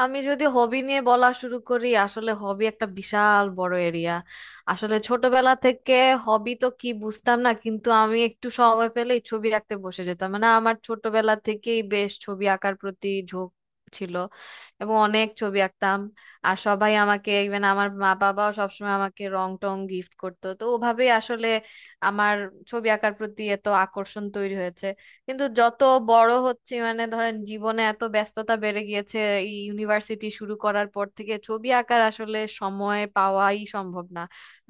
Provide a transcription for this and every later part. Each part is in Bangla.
আমি যদি হবি নিয়ে বলা শুরু করি আসলে হবি একটা বিশাল বড় এরিয়া। আসলে ছোটবেলা থেকে হবি তো কি বুঝতাম না, কিন্তু আমি একটু সময় পেলেই ছবি আঁকতে বসে যেতাম। মানে আমার ছোটবেলা থেকেই বেশ ছবি আঁকার প্রতি ঝোঁক ছিল এবং অনেক ছবি আঁকতাম। আর সবাই আমাকে, ইভেন আমার মা বাবাও সবসময় আমাকে রং টং গিফট করতো, তো ওভাবেই আসলে আমার ছবি আঁকার প্রতি এত আকর্ষণ তৈরি হয়েছে। কিন্তু যত বড় হচ্ছে মানে ধরেন জীবনে এত ব্যস্ততা বেড়ে গিয়েছে, এই ইউনিভার্সিটি শুরু করার পর থেকে ছবি আঁকার আসলে সময় পাওয়াই সম্ভব না।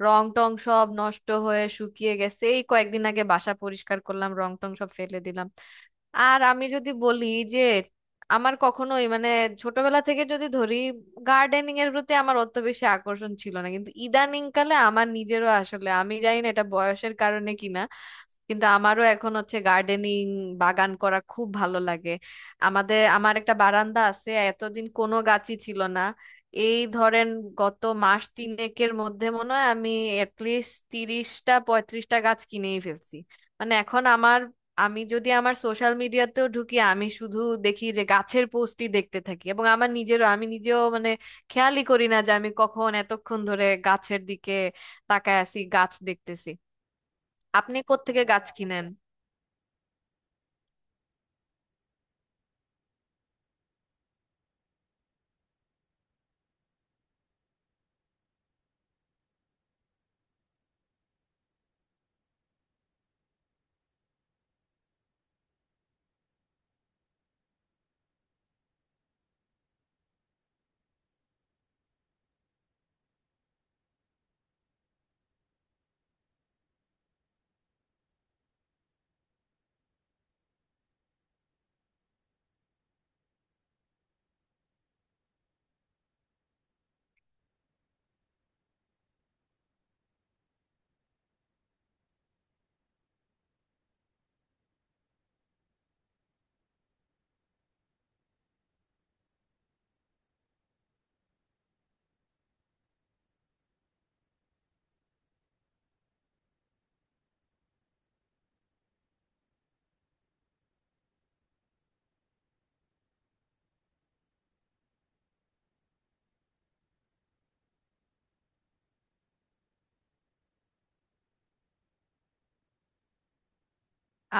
রং টং সব নষ্ট হয়ে শুকিয়ে গেছে, এই কয়েকদিন আগে বাসা পরিষ্কার করলাম, রং টং সব ফেলে দিলাম। আর আমি যদি বলি যে আমার কখনোই মানে ছোটবেলা থেকে যদি ধরি, গার্ডেনিং এর প্রতি আমার অত বেশি আকর্ষণ ছিল না, কিন্তু ইদানিং কালে আমার নিজেরও আসলে, আমি জানি না এটা বয়সের কারণে কিনা, কিন্তু আমারও এখন হচ্ছে গার্ডেনিং, বাগান করা খুব ভালো লাগে। আমাদের আমার একটা বারান্দা আছে, এতদিন কোনো গাছই ছিল না। এই ধরেন গত মাস তিনেকের মধ্যে মনে হয় আমি অ্যাটলিস্ট 30টা 35টা গাছ কিনেই ফেলছি। মানে এখন আমার, আমি যদি আমার সোশ্যাল মিডিয়াতেও ঢুকি আমি শুধু দেখি যে গাছের পোস্টই দেখতে থাকি, এবং আমার নিজেরও আমি নিজেও মানে খেয়ালই করি না যে আমি কখন এতক্ষণ ধরে গাছের দিকে তাকায় আছি, গাছ দেখতেছি। আপনি কোত্থেকে গাছ কিনেন?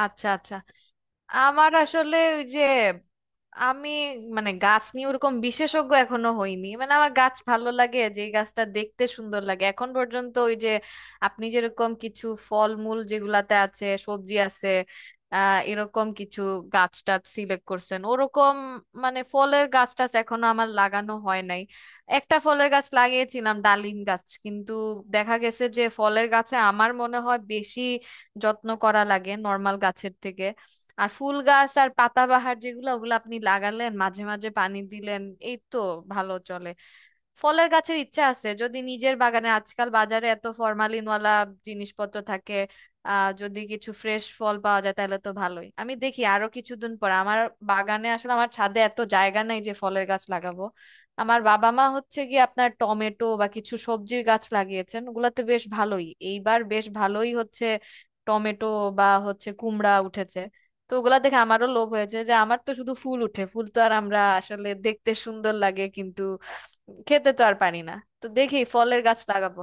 আচ্ছা আচ্ছা। আমার আসলে ওই যে আমি মানে গাছ নিয়ে ওরকম বিশেষজ্ঞ এখনো হইনি, মানে আমার গাছ ভালো লাগে যে গাছটা দেখতে সুন্দর লাগে। এখন পর্যন্ত ওই যে আপনি যেরকম কিছু ফলমূল যেগুলাতে আছে, সবজি আছে, এরকম কিছু গাছ টাছ সিলেক্ট করছেন, ওরকম মানে ফলের গাছ টাছ এখনো আমার লাগানো হয় নাই। একটা ফলের গাছ লাগিয়েছিলাম, ডালিম গাছ, কিন্তু দেখা গেছে যে ফলের গাছে আমার মনে হয় বেশি যত্ন করা লাগে নর্মাল গাছের থেকে। আর ফুল গাছ আর পাতাবাহার যেগুলো, ওগুলো আপনি লাগালেন মাঝে মাঝে পানি দিলেন, এই তো ভালো চলে। ফলের গাছের ইচ্ছা আছে, যদি নিজের বাগানে, আজকাল বাজারে এত ফরমালিনওয়ালা জিনিসপত্র থাকে, যদি কিছু ফ্রেশ ফল পাওয়া যায় তাহলে তো ভালোই। আমি দেখি আরো কিছুদিন পর আমার বাগানে, আসলে আমার ছাদে এত জায়গা নাই যে ফলের গাছ লাগাবো। আমার বাবা মা হচ্ছে গিয়ে আপনার টমেটো বা কিছু সবজির গাছ লাগিয়েছেন, ওগুলাতে বেশ ভালোই, এইবার বেশ ভালোই হচ্ছে টমেটো, বা হচ্ছে কুমড়া উঠেছে। তো ওগুলা দেখে আমারও লোভ হয়েছে যে আমার তো শুধু ফুল উঠে, ফুল তো আর আমরা আসলে দেখতে সুন্দর লাগে কিন্তু খেতে তো আর পারি না। তো দেখি ফলের গাছ লাগাবো।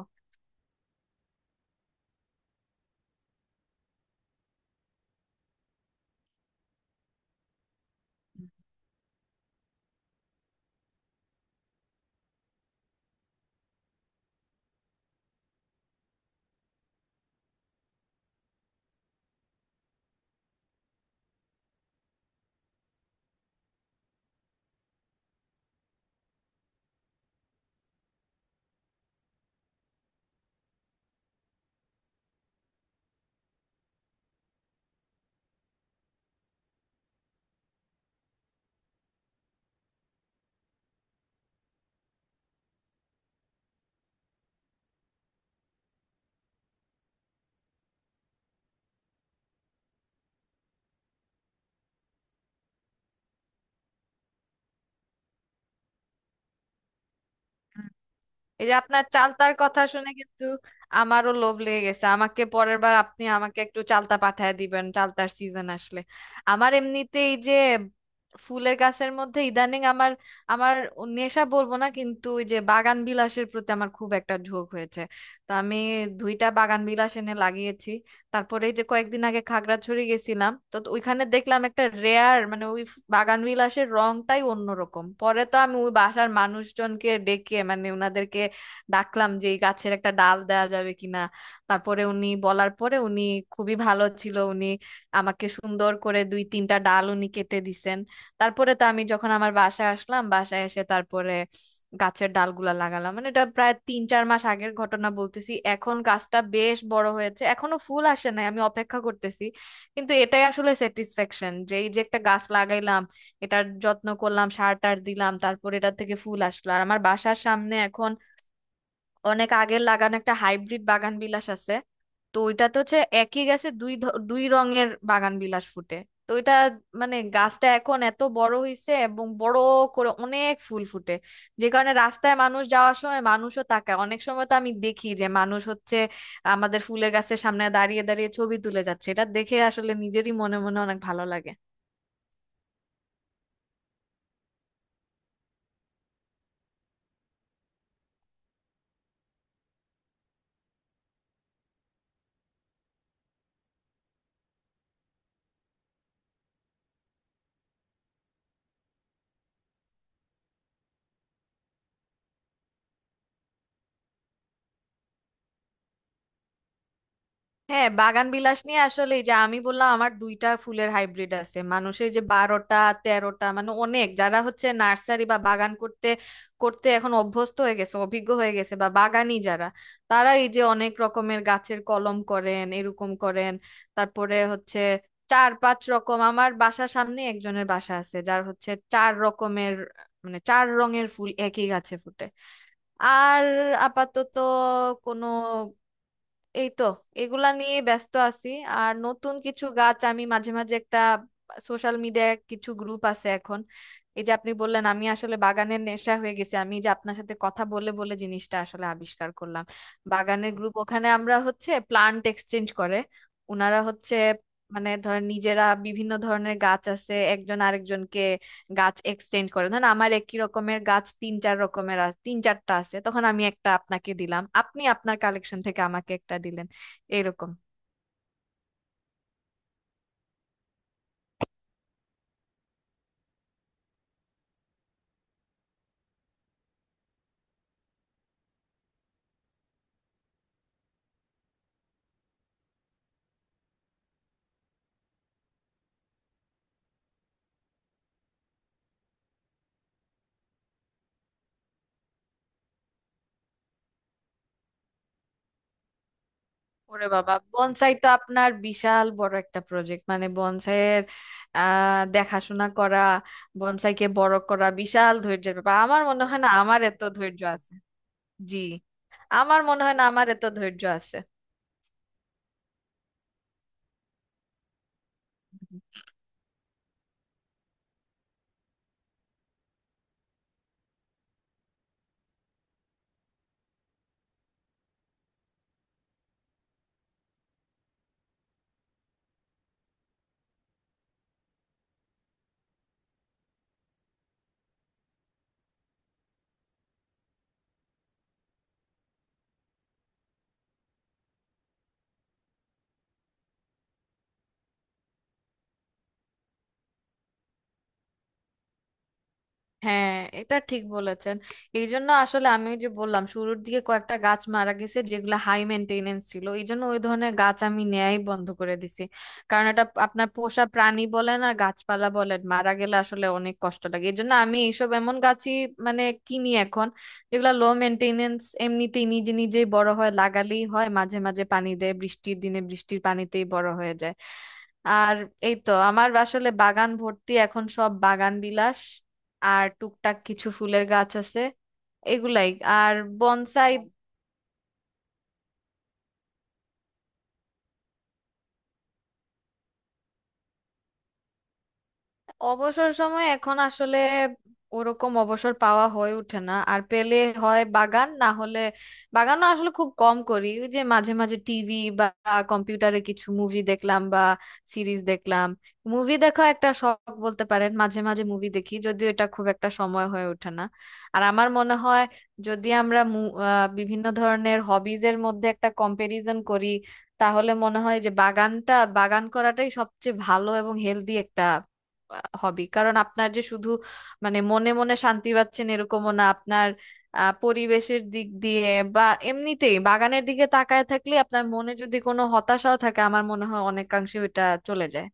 এই যে আপনার চালতার কথা শুনে কিন্তু আমারও লোভ লেগে গেছে, আমাকে পরের বার আপনি আমাকে একটু চালতা পাঠায় দিবেন চালতার সিজন আসলে। আমার এমনিতে এই যে ফুলের গাছের মধ্যে ইদানিং আমার, আমার নেশা বলবো না কিন্তু ওই যে বাগান বিলাসের প্রতি আমার খুব একটা ঝোঁক হয়েছে। তো আমি দুইটা বাগান বিলাস এনে লাগিয়েছি। তারপরে এই যে কয়েকদিন আগে খাগড়াছড়ি গেছিলাম, তো তো ওইখানে দেখলাম একটা রেয়ার, মানে ওই বাগান বিলাসের রংটাই অন্যরকম। পরে তো আমি ওই বাসার মানুষজনকে ডেকে, মানে ওনাদেরকে ডাকলাম যে এই গাছের একটা ডাল দেওয়া যাবে কিনা। তারপরে উনি বলার পরে, উনি খুবই ভালো ছিল, উনি আমাকে সুন্দর করে দুই তিনটা ডাল উনি কেটে দিছেন। তারপরে তো আমি যখন আমার বাসায় আসলাম, বাসায় এসে তারপরে গাছের ডালগুলা লাগালাম, মানে এটা প্রায় তিন চার মাস আগের ঘটনা বলতেছি। এখন গাছটা বেশ বড় হয়েছে, এখনো ফুল আসে নাই, আমি অপেক্ষা করতেছি। কিন্তু এটাই আসলে স্যাটিসফ্যাকশন যে এই যে একটা গাছ লাগাইলাম, এটার যত্ন করলাম, সার টার দিলাম, তারপর এটা থেকে ফুল আসলো। আর আমার বাসার সামনে এখন অনেক আগের লাগানো একটা হাইব্রিড বাগান বিলাস আছে, তো ওইটা তো হচ্ছে একই গাছে দুই রঙের বাগান বিলাস ফুটে। তো ওইটা মানে গাছটা এখন এত বড় হইছে এবং বড় করে অনেক ফুল ফুটে যে কারণে রাস্তায় মানুষ যাওয়ার সময় মানুষও তাকায়। অনেক সময় তো আমি দেখি যে মানুষ হচ্ছে আমাদের ফুলের গাছের সামনে দাঁড়িয়ে দাঁড়িয়ে ছবি তুলে যাচ্ছে, এটা দেখে আসলে নিজেরই মনে মনে অনেক ভালো লাগে। হ্যাঁ, বাগান বিলাস নিয়ে আসলে এই যে আমি বললাম আমার দুইটা ফুলের হাইব্রিড আছে, মানুষের যে 12টা 13টা, মানে অনেক যারা হচ্ছে নার্সারি বা বাগান করতে করতে এখন অভ্যস্ত হয়ে গেছে, অভিজ্ঞ হয়ে গেছে বা বাগানি যারা, তারা এই যে অনেক রকমের গাছের কলম করেন, এরকম করেন। তারপরে হচ্ছে চার পাঁচ রকম, আমার বাসার সামনে একজনের বাসা আছে যার হচ্ছে চার রকমের মানে চার রঙের ফুল একই গাছে ফুটে। আর আপাতত কোনো, এই তো এগুলা নিয়ে ব্যস্ত আছি। আর নতুন কিছু গাছ আমি মাঝে মাঝে, একটা সোশ্যাল মিডিয়ায় কিছু গ্রুপ আছে এখন, এই যে আপনি বললেন আমি আসলে বাগানের নেশা হয়ে গেছে, আমি যে আপনার সাথে কথা বলে বলে জিনিসটা আসলে আবিষ্কার করলাম। বাগানের গ্রুপ, ওখানে আমরা হচ্ছে প্লান্ট এক্সচেঞ্জ করে, ওনারা হচ্ছে মানে ধরেন নিজেরা বিভিন্ন ধরনের গাছ আছে, একজন আরেকজনকে গাছ এক্সটেন্ড করে। ধরেন আমার একই রকমের গাছ তিন চার রকমের তিন চারটা আছে, তখন আমি একটা আপনাকে দিলাম, আপনি আপনার কালেকশন থেকে আমাকে একটা দিলেন, এরকম। ওরে বাবা, বনসাই তো আপনার বিশাল বড় একটা প্রজেক্ট, মানে বনসাইয়ের দেখাশোনা করা, বনসাইকে বড় করা বিশাল ধৈর্যের ব্যাপার, আমার মনে হয় না আমার এত ধৈর্য আছে। জি। আমার মনে হয় না আমার এত ধৈর্য আছে। হ্যাঁ, এটা ঠিক বলেছেন। এই জন্য আসলে আমি ওই যে বললাম শুরুর দিকে কয়েকটা গাছ মারা গেছে যেগুলো হাই মেনটেনেন্স ছিল, এই জন্য ওই ধরনের গাছ আমি নেয়াই বন্ধ করে দিছি। কারণ এটা আপনার পোষা প্রাণী বলেন আর গাছপালা বলেন, মারা গেলে আসলে অনেক কষ্ট লাগে। এই জন্য আমি এইসব এমন গাছই মানে কিনি এখন, যেগুলো লো মেনটেনেন্স, এমনিতেই নিজে নিজেই বড় হয়, লাগালেই হয়, মাঝে মাঝে পানি দেয়, বৃষ্টির দিনে বৃষ্টির পানিতেই বড় হয়ে যায়। আর এই তো, আমার আসলে বাগান ভর্তি এখন সব বাগান বিলাস, আর টুকটাক কিছু ফুলের গাছ আছে, এগুলাই, আর বনসাই। অবসর সময় এখন আসলে ওরকম অবসর পাওয়া হয়ে ওঠে না। আর পেলে হয় বাগান, না হলে বাগানও আসলে খুব কম করি। ওই যে মাঝে মাঝে টিভি বা কম্পিউটারে কিছু মুভি দেখলাম বা সিরিজ দেখলাম, মুভি দেখা একটা শখ বলতে পারেন, মাঝে মাঝে মুভি দেখি, যদিও এটা খুব একটা সময় হয়ে ওঠে না। আর আমার মনে হয় যদি আমরা বিভিন্ন ধরনের হবিজের মধ্যে একটা কম্পারিজন করি তাহলে মনে হয় যে বাগানটা, বাগান করাটাই সবচেয়ে ভালো এবং হেলদি হবি। কারণ আপনার যে শুধু মানে মনে মনে শান্তি পাচ্ছেন এরকমও না, আপনার পরিবেশের দিক দিয়ে বা এমনিতেই বাগানের দিকে তাকায় থাকলে আপনার মনে যদি কোনো হতাশাও থাকে আমার মনে হয় অনেকাংশে ওটা চলে যায়।